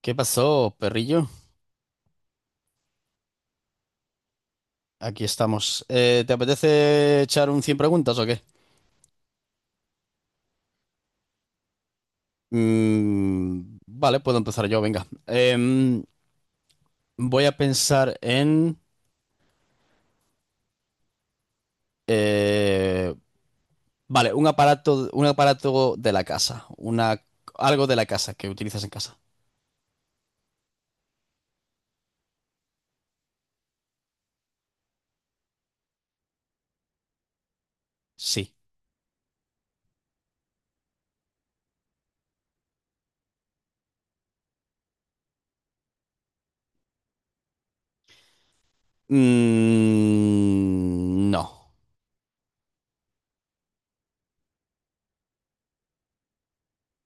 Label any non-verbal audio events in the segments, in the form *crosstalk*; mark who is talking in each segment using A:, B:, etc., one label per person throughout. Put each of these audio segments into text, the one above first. A: ¿Qué pasó, perrillo? Aquí estamos. ¿Te apetece echar un 100 preguntas o qué? Vale, puedo empezar yo, venga. Voy a pensar en... eh, vale, un aparato de la casa. Algo de la casa que utilizas en casa. Sí. Mm, no.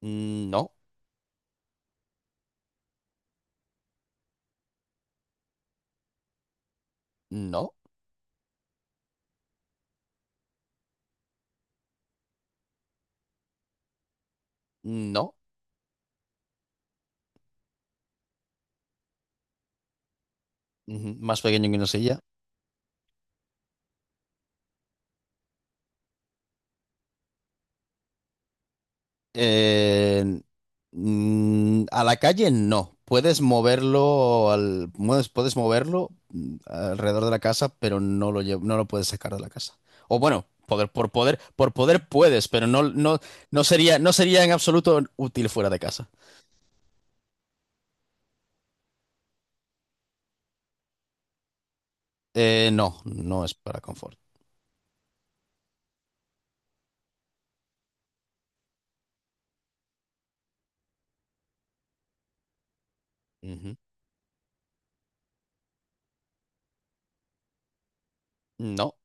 A: No. No. No. Ujú. Más pequeño que una silla. Eh, a la calle no. Puedes moverlo alrededor de la casa, pero no lo puedes sacar de la casa. O bueno, poder, por poder, por poder puedes, pero no sería, no sería en absoluto útil fuera de casa. No, no es para confort. Ujú. No,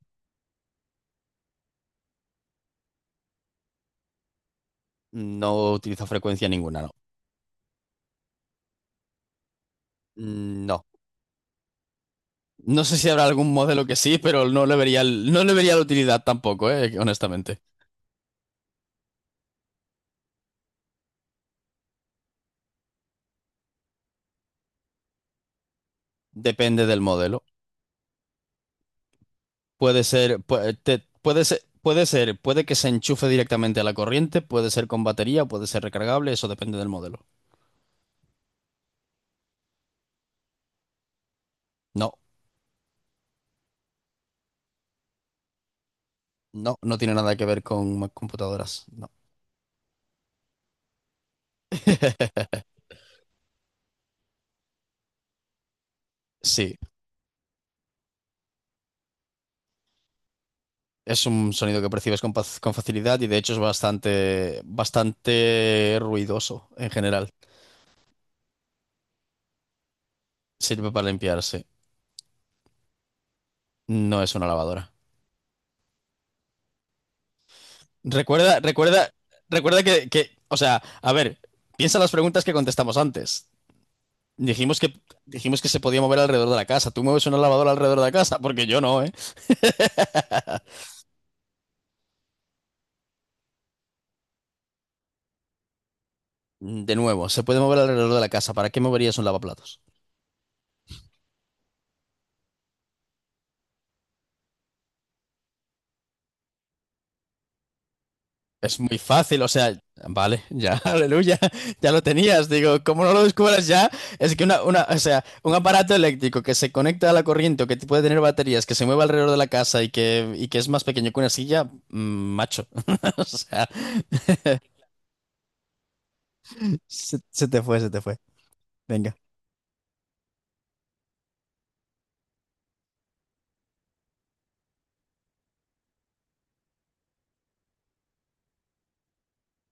A: no utiliza frecuencia ninguna, no. Mm, no. No sé si habrá algún modelo que sí, pero no le vería la utilidad tampoco, honestamente. Depende del modelo. Puede ser, puede, Puede ser, puede que se enchufe directamente a la corriente, puede ser con batería, puede ser recargable, eso depende del modelo. No, no, no tiene nada que ver con computadoras, no. *laughs* Sí, es un sonido que percibes con, con facilidad y de hecho es bastante, bastante ruidoso en general. Sirve para limpiarse, no es una lavadora. Recuerda, recuerda, Recuerda que o sea, a ver, piensa en las preguntas que contestamos antes. Dijimos que, Dijimos que se podía mover alrededor de la casa. ¿Tú mueves una lavadora alrededor de la casa? Porque yo no, ¿eh? De nuevo, se puede mover alrededor de la casa. ¿Para qué moverías un lavaplatos? Es muy fácil, o sea, vale, ya, *laughs* aleluya, ya lo tenías. Digo, ¿cómo no lo descubras ya? Es que una, O sea, un aparato eléctrico que se conecta a la corriente o que puede tener baterías, que se mueve alrededor de la casa y que es más pequeño que una silla, mm, macho. *laughs* O sea, *laughs* se te fue, se te fue. Venga,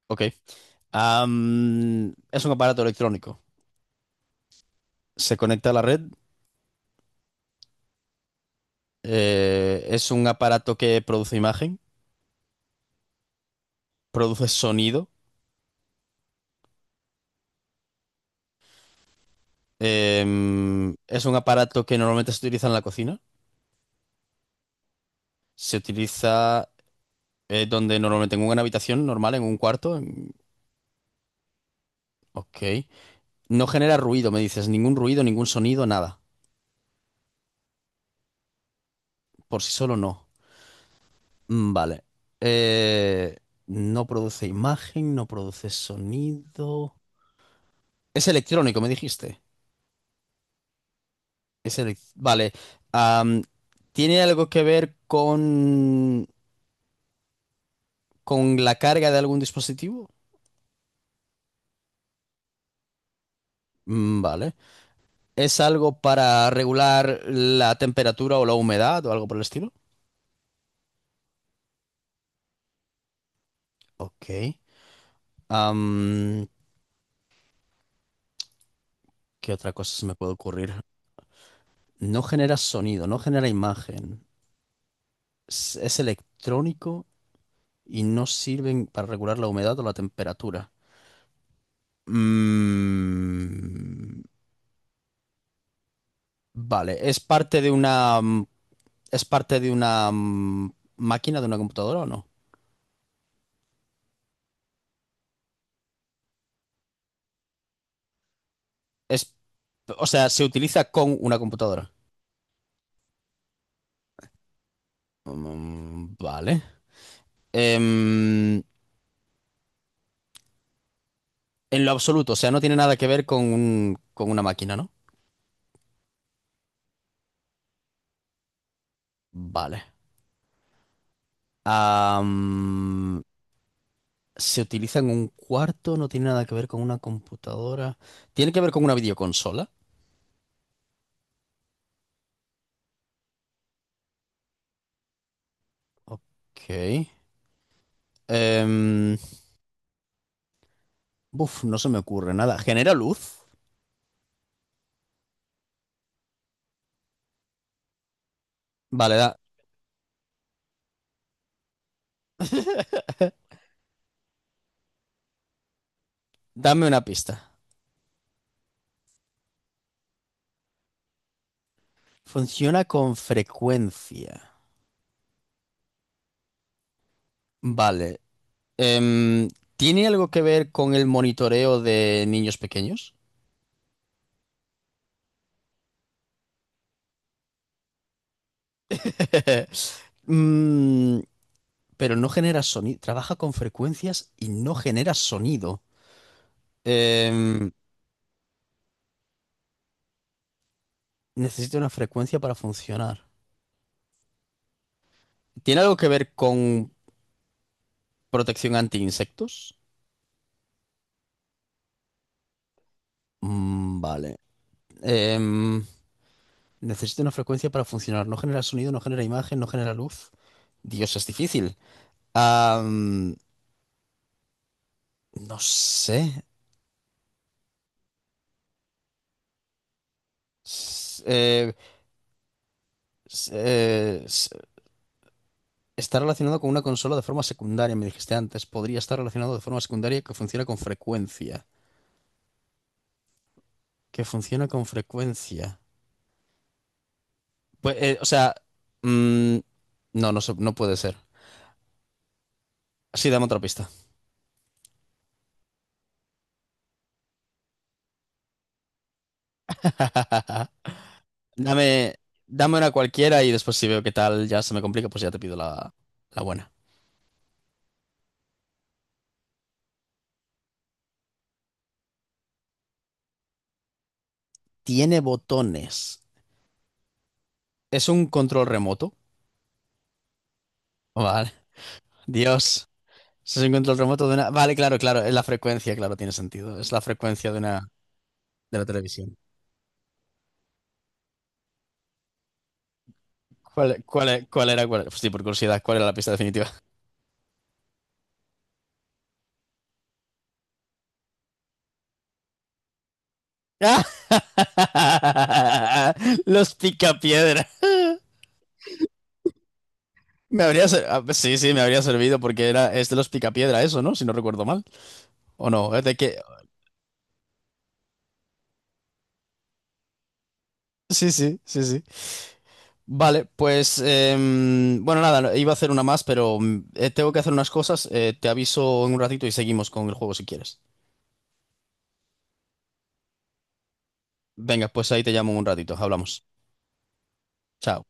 A: ok. Es un aparato electrónico. Se conecta a la red. Es un aparato que produce imagen, produce sonido. Es un aparato que normalmente se utiliza en la cocina. Se utiliza donde normalmente en una habitación normal, en un cuarto. Ok. No genera ruido, me dices. Ningún ruido, ningún sonido, nada. Por sí solo no. Mm, vale. Eh, no produce imagen, no produce sonido. Es electrónico, me dijiste. Vale. am, ¿Tiene algo que ver con la carga de algún dispositivo? Mm, vale. ¿Es algo para regular la temperatura o la humedad o algo por el estilo? Ok. Am, ¿Qué otra cosa se me puede ocurrir? No genera sonido, no genera imagen. Es electrónico y no sirven para regular la humedad o la temperatura. Mm, vale. ¿Es parte de una máquina, de una computadora o no? Es, o sea, se utiliza con una computadora. Mm, vale. Em, en lo absoluto, o sea, no tiene nada que ver con con una máquina, ¿no? Vale. Am, Se utiliza en un cuarto, no tiene nada que ver con una computadora. Tiene que ver con una videoconsola. Ok. Em, Buf, no se me ocurre nada. ¿Genera luz? Vale, da- Dame una pista. Funciona con frecuencia. Vale. Em, ¿Tiene algo que ver con el monitoreo de niños pequeños? *laughs* Mm, pero no genera sonido. Trabaja con frecuencias y no genera sonido. Em, Necesita una frecuencia para funcionar. ¿Tiene algo que ver con protección anti insectos? Mm, vale. Em, Necesita una frecuencia para funcionar. No genera sonido, no genera imagen, no genera luz. Dios, es difícil. Am, no sé. S- eh, s- eh, s- Está relacionado con una consola de forma secundaria, me dijiste antes. Podría estar relacionado de forma secundaria que funciona con frecuencia. Que funciona con frecuencia. Pues, o sea, mm, no puede ser. Sí, dame otra pista. *laughs* Dame, Dame una cualquiera y después si veo qué tal ya se me complica, pues ya te pido la buena. Tiene botones. Es un control remoto. Vale. Dios. Es un control remoto de una... Vale, claro, claro. Es la frecuencia, claro, tiene sentido. Es la frecuencia de una... de la televisión. ¿Cuál, cuál, e- cuál era, cuál, Sí, por curiosidad, ¿cuál era la pista definitiva? *laughs* Los picapiedra. Ah, pues sí, sí, me habría servido porque es de los picapiedra eso, ¿no? Si no recuerdo mal. ¿O no? ¿Es de que? Sí, sí, sí, sí. Vale, pues, em, bueno, nada, no- iba a hacer una más, pero mm, tengo que hacer unas cosas. Eh, te aviso en un ratito y seguimos con el juego si quieres. Venga, pues ahí te llamo en un ratito. Hablamos. Chao.